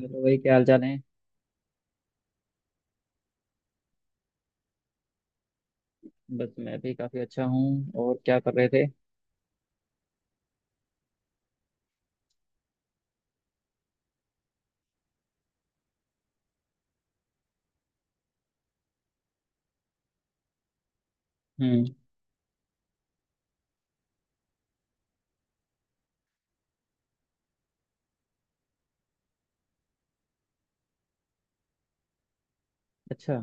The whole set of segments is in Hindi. हेलो भाई, क्या हाल चाल है। बस मैं भी काफ़ी अच्छा हूँ और क्या कर रहे थे। हम्म। अच्छा।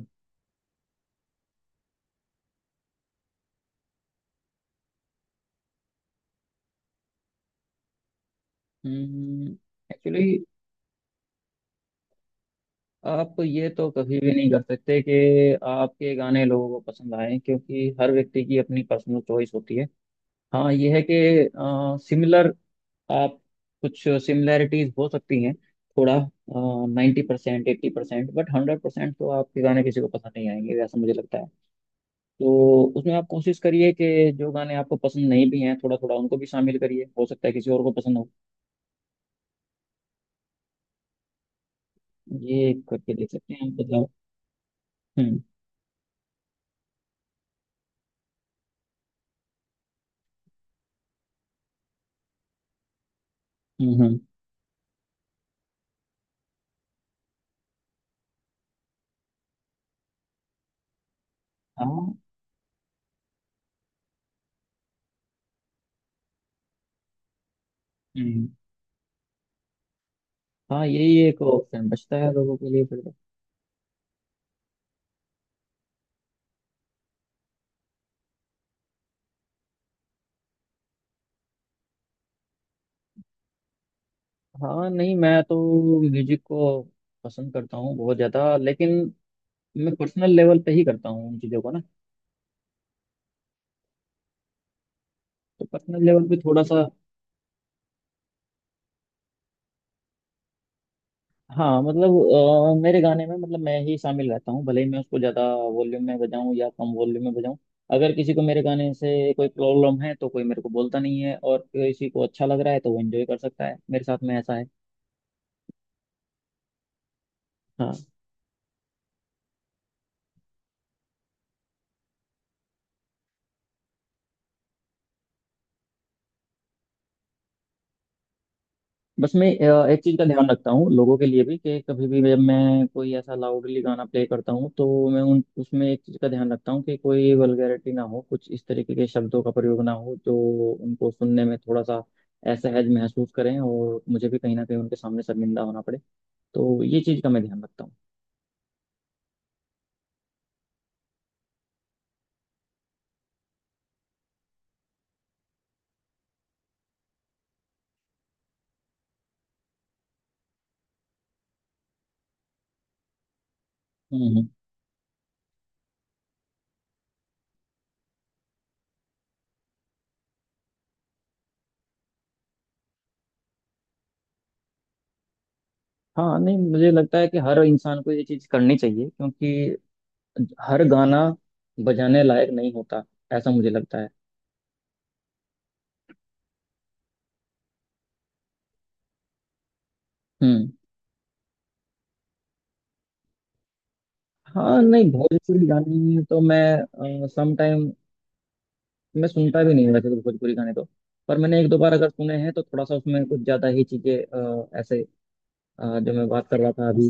हम्म। एक्चुअली, आप ये तो कभी भी नहीं कर सकते कि आपके गाने लोगों को पसंद आए, क्योंकि हर व्यक्ति की अपनी पर्सनल चॉइस होती है। हाँ, ये है कि सिमिलर, आप, कुछ सिमिलैरिटीज हो सकती हैं, थोड़ा 90% 80%, बट 100% तो आपके गाने किसी को पसंद नहीं आएंगे, वैसा मुझे लगता है। तो उसमें आप कोशिश करिए कि जो गाने आपको पसंद नहीं भी हैं, थोड़ा थोड़ा उनको भी शामिल करिए, हो सकता है किसी और को पसंद हो। ये करके देख सकते हैं आप बदलाव। हम्म। हम्म। हाँ। हम्म। हाँ, यही एक ऑप्शन बचता है लोगों के लिए फिर तो। हाँ नहीं, मैं तो म्यूजिक को पसंद करता हूँ बहुत ज़्यादा, लेकिन मैं पर्सनल लेवल पे ही करता हूँ उन चीज़ों को ना। तो पर्सनल लेवल पे थोड़ा सा। हाँ मतलब, मेरे गाने में मतलब मैं ही शामिल रहता हूँ, भले ही मैं उसको ज़्यादा वॉल्यूम में बजाऊँ या कम वॉल्यूम में बजाऊँ। अगर किसी को मेरे गाने से कोई प्रॉब्लम है तो कोई मेरे को बोलता नहीं है, और किसी को अच्छा लग रहा है तो वो एंजॉय कर सकता है मेरे साथ में, ऐसा है। हाँ। बस मैं एक चीज का ध्यान रखता हूँ लोगों के लिए भी, कि कभी भी मैं कोई ऐसा लाउडली गाना प्ले करता हूँ, तो मैं उन उसमें एक चीज का ध्यान रखता हूँ कि कोई वल्गैरिटी ना हो, कुछ इस तरीके के शब्दों का प्रयोग ना हो जो उनको सुनने में थोड़ा सा असहज महसूस करें और मुझे भी कहीं ना कहीं उनके सामने शर्मिंदा होना पड़े। तो ये चीज का मैं ध्यान रखता हूँ। हम्म। हम्म। हाँ नहीं, मुझे लगता है कि हर इंसान को ये चीज करनी चाहिए, क्योंकि हर गाना बजाने लायक नहीं होता, ऐसा मुझे लगता है। हम्म। हाँ नहीं, भोजपुरी गाने तो मैं सम टाइम, मैं सुनता भी नहीं हूँ वैसे तो भोजपुरी गाने तो, पर मैंने एक दो बार अगर सुने हैं तो थोड़ा सा उसमें कुछ ज्यादा ही चीजें, ऐसे, जो मैं बात कर रहा था अभी,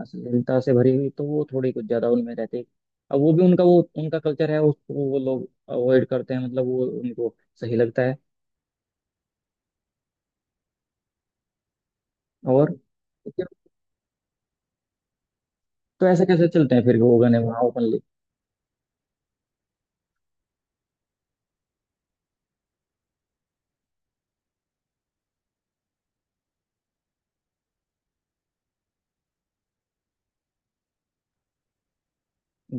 अश्लीलता से भरी हुई, तो वो थोड़ी कुछ ज्यादा उनमें रहती है। अब वो भी उनका, वो उनका कल्चर है, उसको वो लोग अवॉइड करते हैं, मतलब वो उनको सही लगता है। और तो ऐसे कैसे चलते हैं फिर वो गाने वहाँ ओपनली।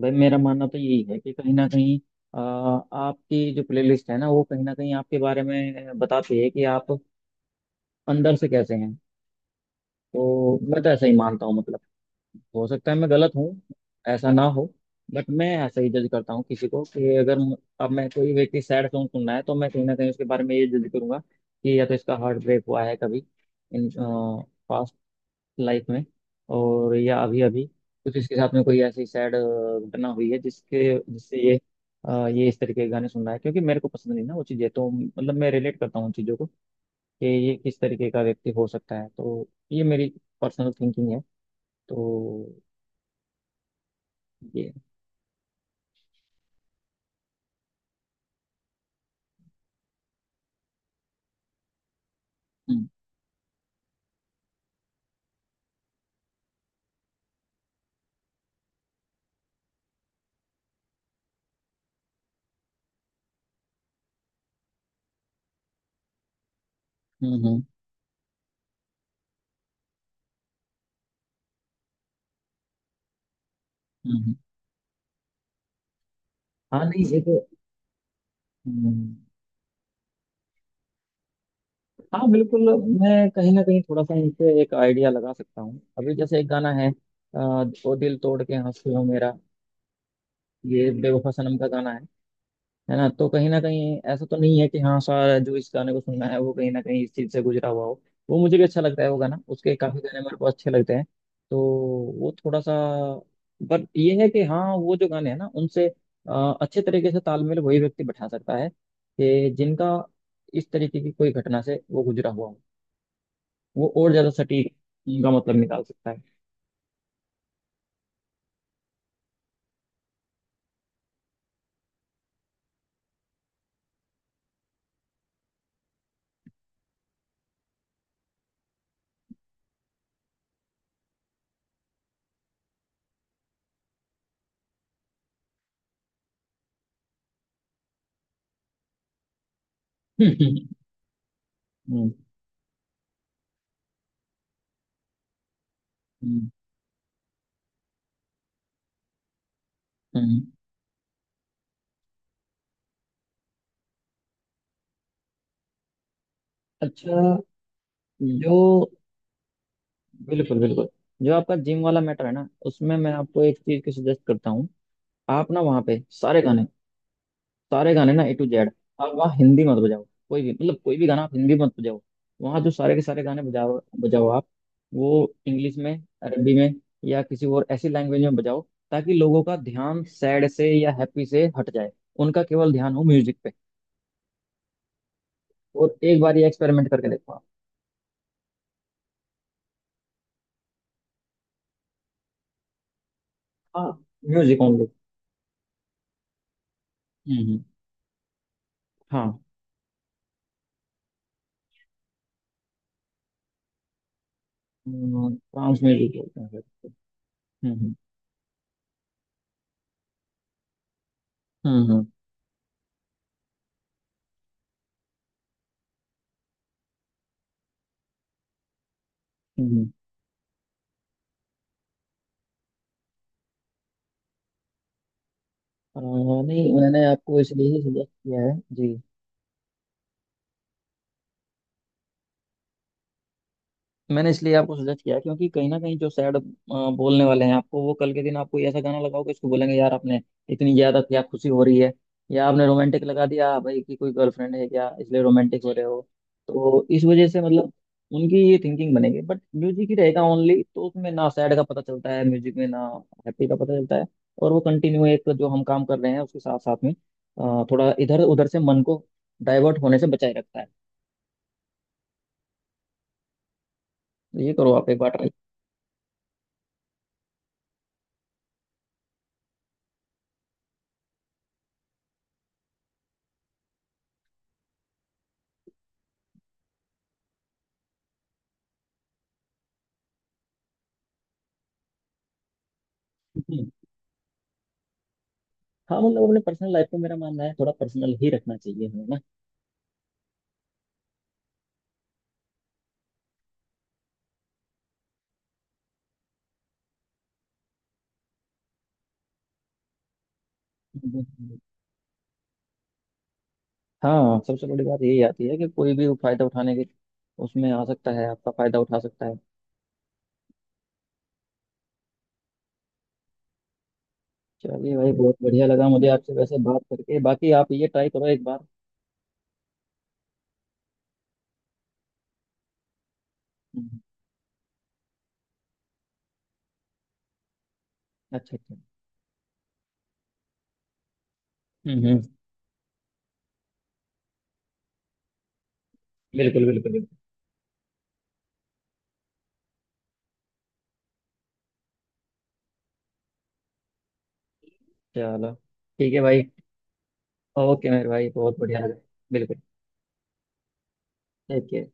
भाई, मेरा मानना तो यही है कि कहीं ना कहीं आपकी जो प्लेलिस्ट है ना, वो कहीं ना कहीं आपके बारे में बताती है कि आप अंदर से कैसे हैं। तो मैं तो ऐसा ही मानता हूँ, मतलब हो सकता है मैं गलत हूँ, ऐसा ना हो, बट मैं ऐसा ही जज करता हूँ किसी को, कि अगर अब मैं, कोई व्यक्ति सैड सॉन्ग सुनना है तो मैं कहीं ना कहीं उसके बारे में ये जज करूंगा कि या तो इसका हार्ट ब्रेक हुआ है कभी इन लाइफ में, और या अभी अभी कुछ इसके साथ में कोई ऐसी सैड घटना हुई है जिसके जिससे ये ये इस तरीके के गाने सुन रहा है, क्योंकि मेरे को पसंद नहीं ना वो चीज़ें, तो मतलब मैं रिलेट करता हूँ उन चीज़ों को कि ये किस तरीके का व्यक्ति हो सकता है। तो ये मेरी पर्सनल थिंकिंग है। तो ये। हम्म। हम्म। हम्म। हम्म। हाँ नहीं, ये तो। हम्म, हाँ बिल्कुल, मैं कहीं ना कहीं थोड़ा सा इनसे एक आइडिया लगा सकता हूँ। अभी जैसे एक गाना है, अ, ओ दिल तोड़ के हंस लो मेरा, ये बेवफा सनम का गाना है ना, तो कहीं ना कहीं ऐसा तो नहीं है कि हाँ सारा जो इस गाने को सुनना है वो कहीं ना कहीं इस चीज से गुजरा हुआ हो। वो मुझे भी अच्छा लगता है, वो गाना, उसके काफी गाने मेरे को अच्छे लगते हैं। तो वो थोड़ा सा, पर ये है कि हाँ, वो जो गाने हैं ना, उनसे अच्छे तरीके से तालमेल वही व्यक्ति बैठा सकता है कि जिनका इस तरीके की कोई घटना से वो गुजरा हुआ हो, वो और ज्यादा सटीक उनका मतलब निकाल सकता है हम्म। हम्म। हम्म। अच्छा। जो बिल्कुल बिल्कुल। जो आपका जिम वाला मैटर है ना, उसमें मैं आपको एक चीज की सजेस्ट करता हूँ। आप ना वहाँ पे सारे गाने ना A to Z, आप वहाँ हिंदी मत बजाओ, कोई भी मतलब, कोई भी गाना आप हिंदी मत बजाओ। वहाँ जो सारे के सारे गाने बजाओ बजाओ आप, वो इंग्लिश में, अरबी में, या किसी और ऐसी लैंग्वेज में बजाओ, ताकि लोगों का ध्यान सैड से या हैप्पी से हट जाए, उनका केवल ध्यान हो म्यूजिक पे। और एक बार ये एक्सपेरिमेंट करके देखो आप। हाँ, म्यूजिक ओनली। हम्म, हम्म। हाँ, ट्रांस म्यूजिक बोलते हैं। हम्म। हम्म। हम्म। हम्म। हम्म। आ, नहीं, मैंने आपको इसलिए ही सजेस्ट किया है। जी, मैंने इसलिए आपको सजेस्ट किया क्योंकि कहीं ना कहीं जो सैड बोलने वाले हैं आपको, वो कल के दिन आपको ऐसा गाना लगाओ कि इसको बोलेंगे, यार आपने इतनी ज्यादा क्या खुशी हो रही है, या आपने रोमांटिक लगा दिया, "हाँ, भाई कि कोई गर्लफ्रेंड है क्या, इसलिए रोमांटिक हो रहे हो"। तो इस वजह से मतलब, उनकी ये थिंकिंग बनेगी, बट म्यूजिक ही रहेगा ओनली, तो उसमें ना सैड का पता चलता है म्यूजिक में, ना हैप्पी का पता चलता है, और वो कंटिन्यू एक जो हम काम कर रहे हैं उसके साथ साथ में थोड़ा इधर उधर से मन को डाइवर्ट होने से बचाए रखता है। तो ये करो आप एक बार ट्राई। हाँ मतलब, अपने पर्सनल लाइफ को, मेरा मानना है थोड़ा पर्सनल ही रखना चाहिए हमें ना। हम्म। हाँ, सबसे बड़ी बात यही आती है कि कोई भी फायदा उठाने के, उसमें आ सकता है, आपका फायदा उठा सकता है। चलिए भाई, बहुत बढ़िया लगा मुझे आपसे वैसे बात करके, बाकी आप ये ट्राई करो एक बार। हम्म। अच्छा, अच्छा। हम्म, हम्म। बिल्कुल बिल्कुल बिल्कुल। चलो, ठीक है भाई। ओके मेरे भाई, बहुत बढ़िया लगा। बिल्कुल। Take care.